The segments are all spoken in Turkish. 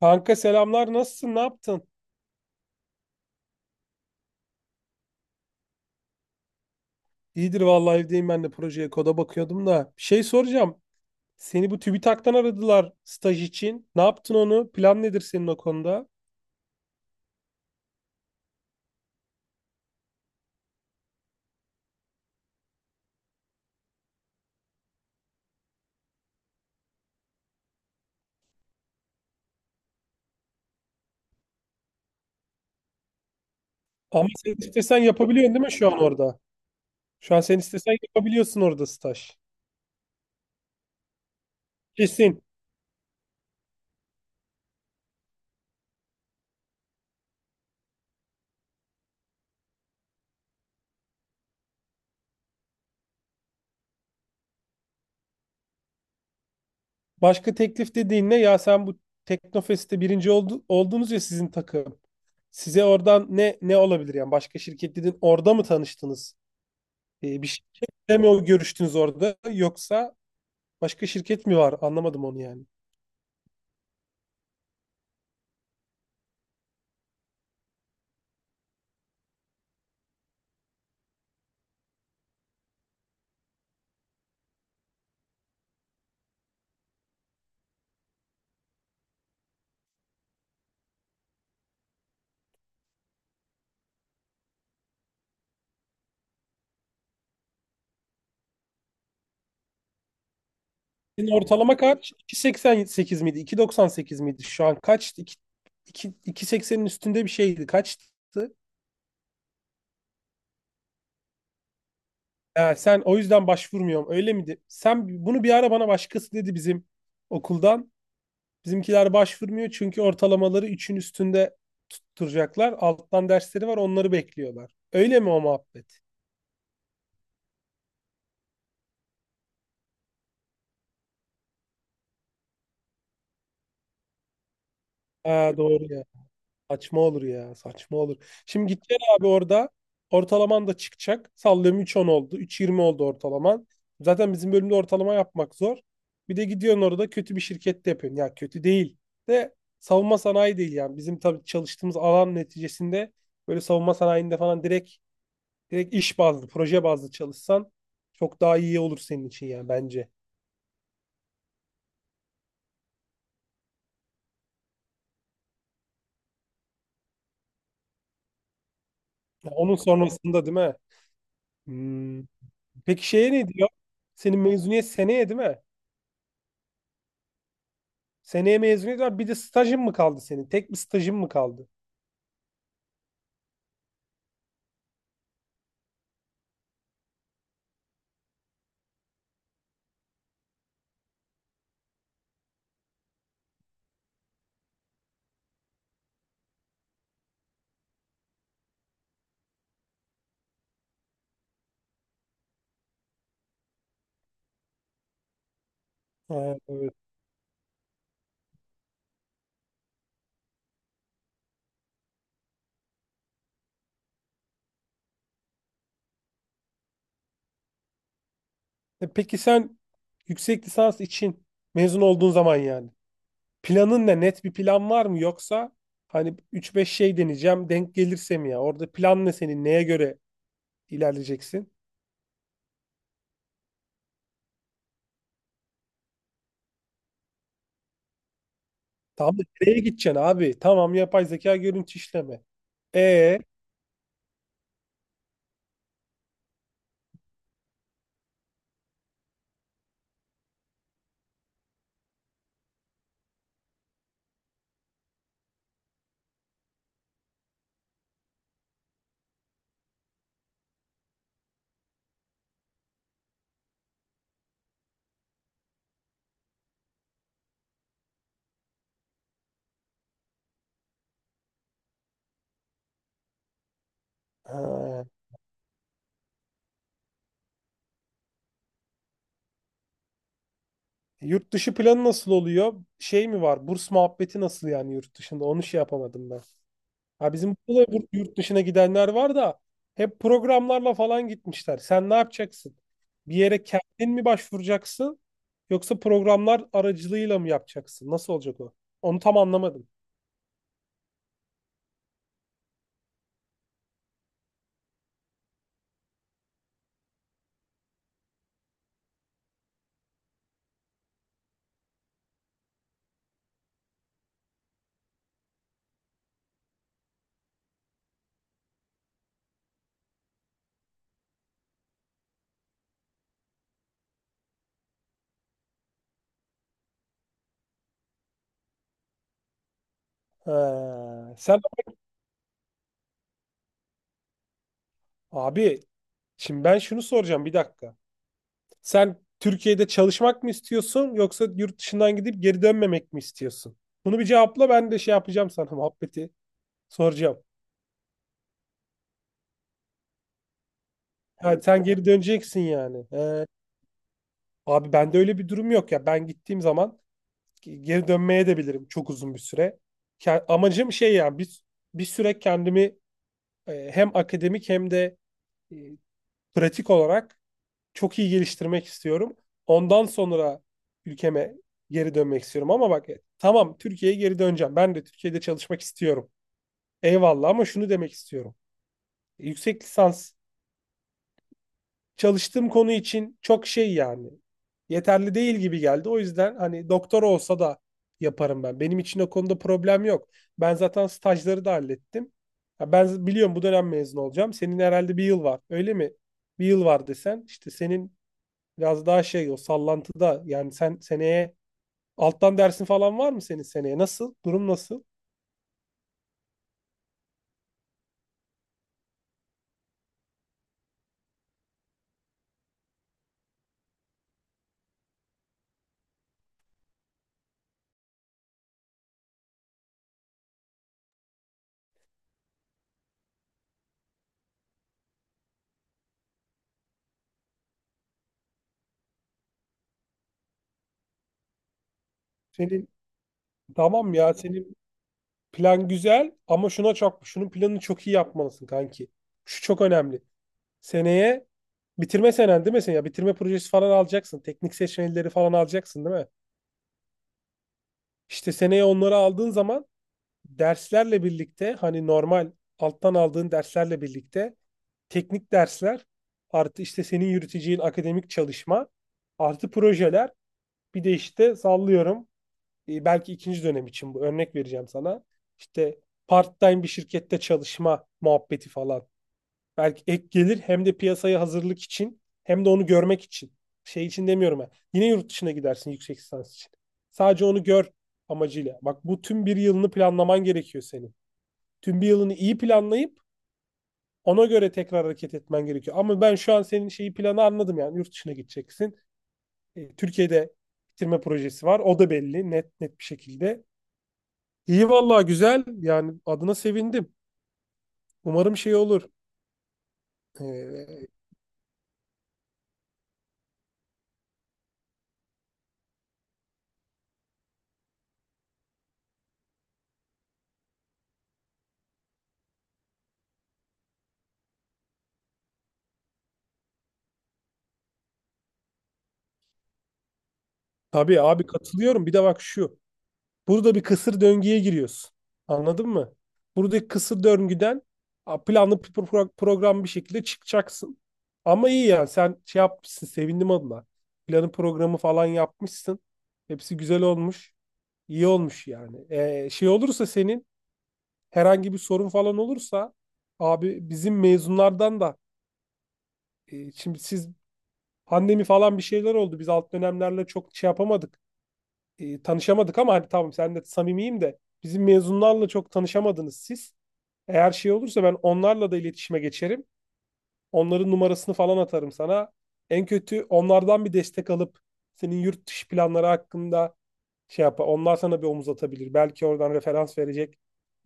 Kanka selamlar, nasılsın, ne yaptın? İyidir vallahi, evdeyim ben de, projeye koda bakıyordum da. Bir şey soracağım. Seni bu TÜBİTAK'tan aradılar staj için. Ne yaptın onu? Plan nedir senin o konuda? Ama sen istesen yapabiliyorsun değil mi şu an orada? Şu an sen istesen yapabiliyorsun orada staj. Kesin. Başka teklif dediğin ne? Ya sen bu Teknofest'te oldunuz ya sizin takım. Size oradan ne olabilir yani? Başka şirket dedin, orada mı tanıştınız? Bir şirketle mi o görüştünüz orada? Yoksa başka şirket mi var? Anlamadım onu yani. Senin ortalama kaç? İki virgül seksen sekiz miydi? İki virgül doksan sekiz miydi? Şu an kaç? 2.80'in üstünde bir şeydi. Kaçtı? Ha, sen o yüzden başvurmuyorum. Öyle miydi? Sen bunu bir ara bana, başkası dedi bizim okuldan. Bizimkiler başvurmuyor çünkü ortalamaları üçün üstünde tutturacaklar. Alttan dersleri var, onları bekliyorlar. Öyle mi o muhabbet? Ha, doğru. Saçma olur ya. Saçma olur. Şimdi gideceksin abi orada. Ortalaman da çıkacak. Sallıyorum üç on oldu, üç yirmi oldu ortalaman. Zaten bizim bölümde ortalama yapmak zor. Bir de gidiyorsun orada kötü bir şirkette yapıyorsun. Ya kötü değil de savunma sanayi değil yani. Bizim tabii çalıştığımız alan neticesinde böyle savunma sanayinde falan direkt iş bazlı, proje bazlı çalışsan çok daha iyi olur senin için yani, bence. Ya onun sonrasında değil mi? Hmm. Peki şeye ne diyor? Senin mezuniyet seneye değil mi? Seneye mezuniyet var. Bir de stajın mı kaldı senin? Tek bir stajın mı kaldı? Ha, evet. E peki sen yüksek lisans için mezun olduğun zaman, yani planın ne? Net bir plan var mı? Yoksa hani üç beş şey deneyeceğim, denk gelirse mi ya? Orada plan ne senin? Neye göre ilerleyeceksin? Tamam da nereye gideceksin abi? Tamam, yapay zeka görüntü işleme. E ha, Yurt dışı planı nasıl oluyor? Şey mi var? Burs muhabbeti nasıl yani yurt dışında? Onu şey yapamadım ben. Ha, bizim burada da yurt dışına gidenler var da, hep programlarla falan gitmişler. Sen ne yapacaksın? Bir yere kendin mi başvuracaksın yoksa programlar aracılığıyla mı yapacaksın? Nasıl olacak o? Onu tam anlamadım. Ha, sen abi, şimdi ben şunu soracağım bir dakika. Sen Türkiye'de çalışmak mı istiyorsun yoksa yurt dışından gidip geri dönmemek mi istiyorsun? Bunu bir cevapla, ben de şey yapacağım sana muhabbeti soracağım. Ha, sen geri döneceksin yani. He. Abi bende öyle bir durum yok ya. Ben gittiğim zaman geri dönmeye de bilirim çok uzun bir süre. Amacım şey yani, bir süre kendimi hem akademik hem de e, pratik olarak çok iyi geliştirmek istiyorum. Ondan sonra ülkeme geri dönmek istiyorum. Ama bak, tamam, Türkiye'ye geri döneceğim. Ben de Türkiye'de çalışmak istiyorum. Eyvallah, ama şunu demek istiyorum. Yüksek lisans çalıştığım konu için çok şey yani, yeterli değil gibi geldi. O yüzden hani doktora olsa da yaparım ben. Benim için o konuda problem yok. Ben zaten stajları da hallettim. Ya ben biliyorum, bu dönem mezun olacağım. Senin herhalde bir yıl var. Öyle mi? Bir yıl var desen, İşte senin biraz daha şey, o sallantıda yani. Sen seneye alttan dersin falan var mı senin seneye? Nasıl? Durum nasıl? Senin tamam ya, senin plan güzel ama şuna çok, şunun planını çok iyi yapmalısın kanki. Şu çok önemli. Seneye bitirme senen değil mi sen? Ya bitirme projesi falan alacaksın. Teknik seçmelileri falan alacaksın değil mi? İşte seneye onları aldığın zaman derslerle birlikte, hani normal alttan aldığın derslerle birlikte teknik dersler, artı işte senin yürüteceğin akademik çalışma, artı projeler, bir de işte sallıyorum belki ikinci dönem için, bu örnek vereceğim sana. İşte part-time bir şirkette çalışma muhabbeti falan. Belki ek gelir, hem de piyasaya hazırlık için, hem de onu görmek için. Şey için demiyorum ben. Yine yurt dışına gidersin yüksek lisans için. Sadece onu gör amacıyla. Bak, bu tüm bir yılını planlaman gerekiyor senin. Tüm bir yılını iyi planlayıp ona göre tekrar hareket etmen gerekiyor. Ama ben şu an senin şeyi, planı anladım yani, yurt dışına gideceksin. E, Türkiye'de bitirme projesi var. O da belli, net bir şekilde. İyi vallahi, güzel. Yani adına sevindim. Umarım şey olur. E, tabii abi, katılıyorum. Bir de bak şu. Burada bir kısır döngüye giriyorsun. Anladın mı? Buradaki kısır döngüden planlı bir program bir şekilde çıkacaksın. Ama iyi yani, sen şey yapmışsın, sevindim adına. Planı programı falan yapmışsın. Hepsi güzel olmuş. İyi olmuş yani. Şey olursa senin herhangi bir sorun falan olursa, abi bizim mezunlardan da şimdi siz, pandemi falan bir şeyler oldu. Biz alt dönemlerle çok şey yapamadık. Tanışamadık ama hani tamam, sen de samimiyim de, bizim mezunlarla çok tanışamadınız siz. Eğer şey olursa ben onlarla da iletişime geçerim. Onların numarasını falan atarım sana. En kötü onlardan bir destek alıp senin yurt dışı planları hakkında şey yapar. Onlar sana bir omuz atabilir. Belki oradan referans verecek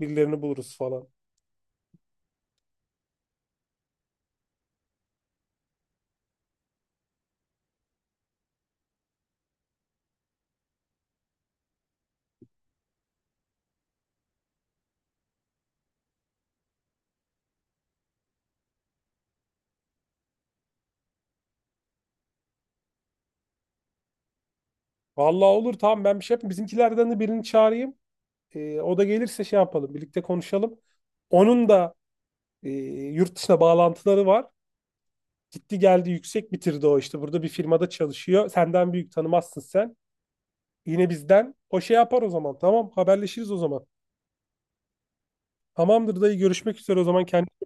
birilerini buluruz falan. Vallahi olur, tamam, ben bir şey yapayım. Bizimkilerden de birini çağırayım. E, o da gelirse şey yapalım, birlikte konuşalım. Onun da e, yurt dışına bağlantıları var. Gitti geldi, yüksek bitirdi o işte. Burada bir firmada çalışıyor. Senden büyük, tanımazsın sen. Yine bizden. O şey yapar o zaman. Tamam, haberleşiriz o zaman. Tamamdır dayı, görüşmek üzere o zaman. Kendine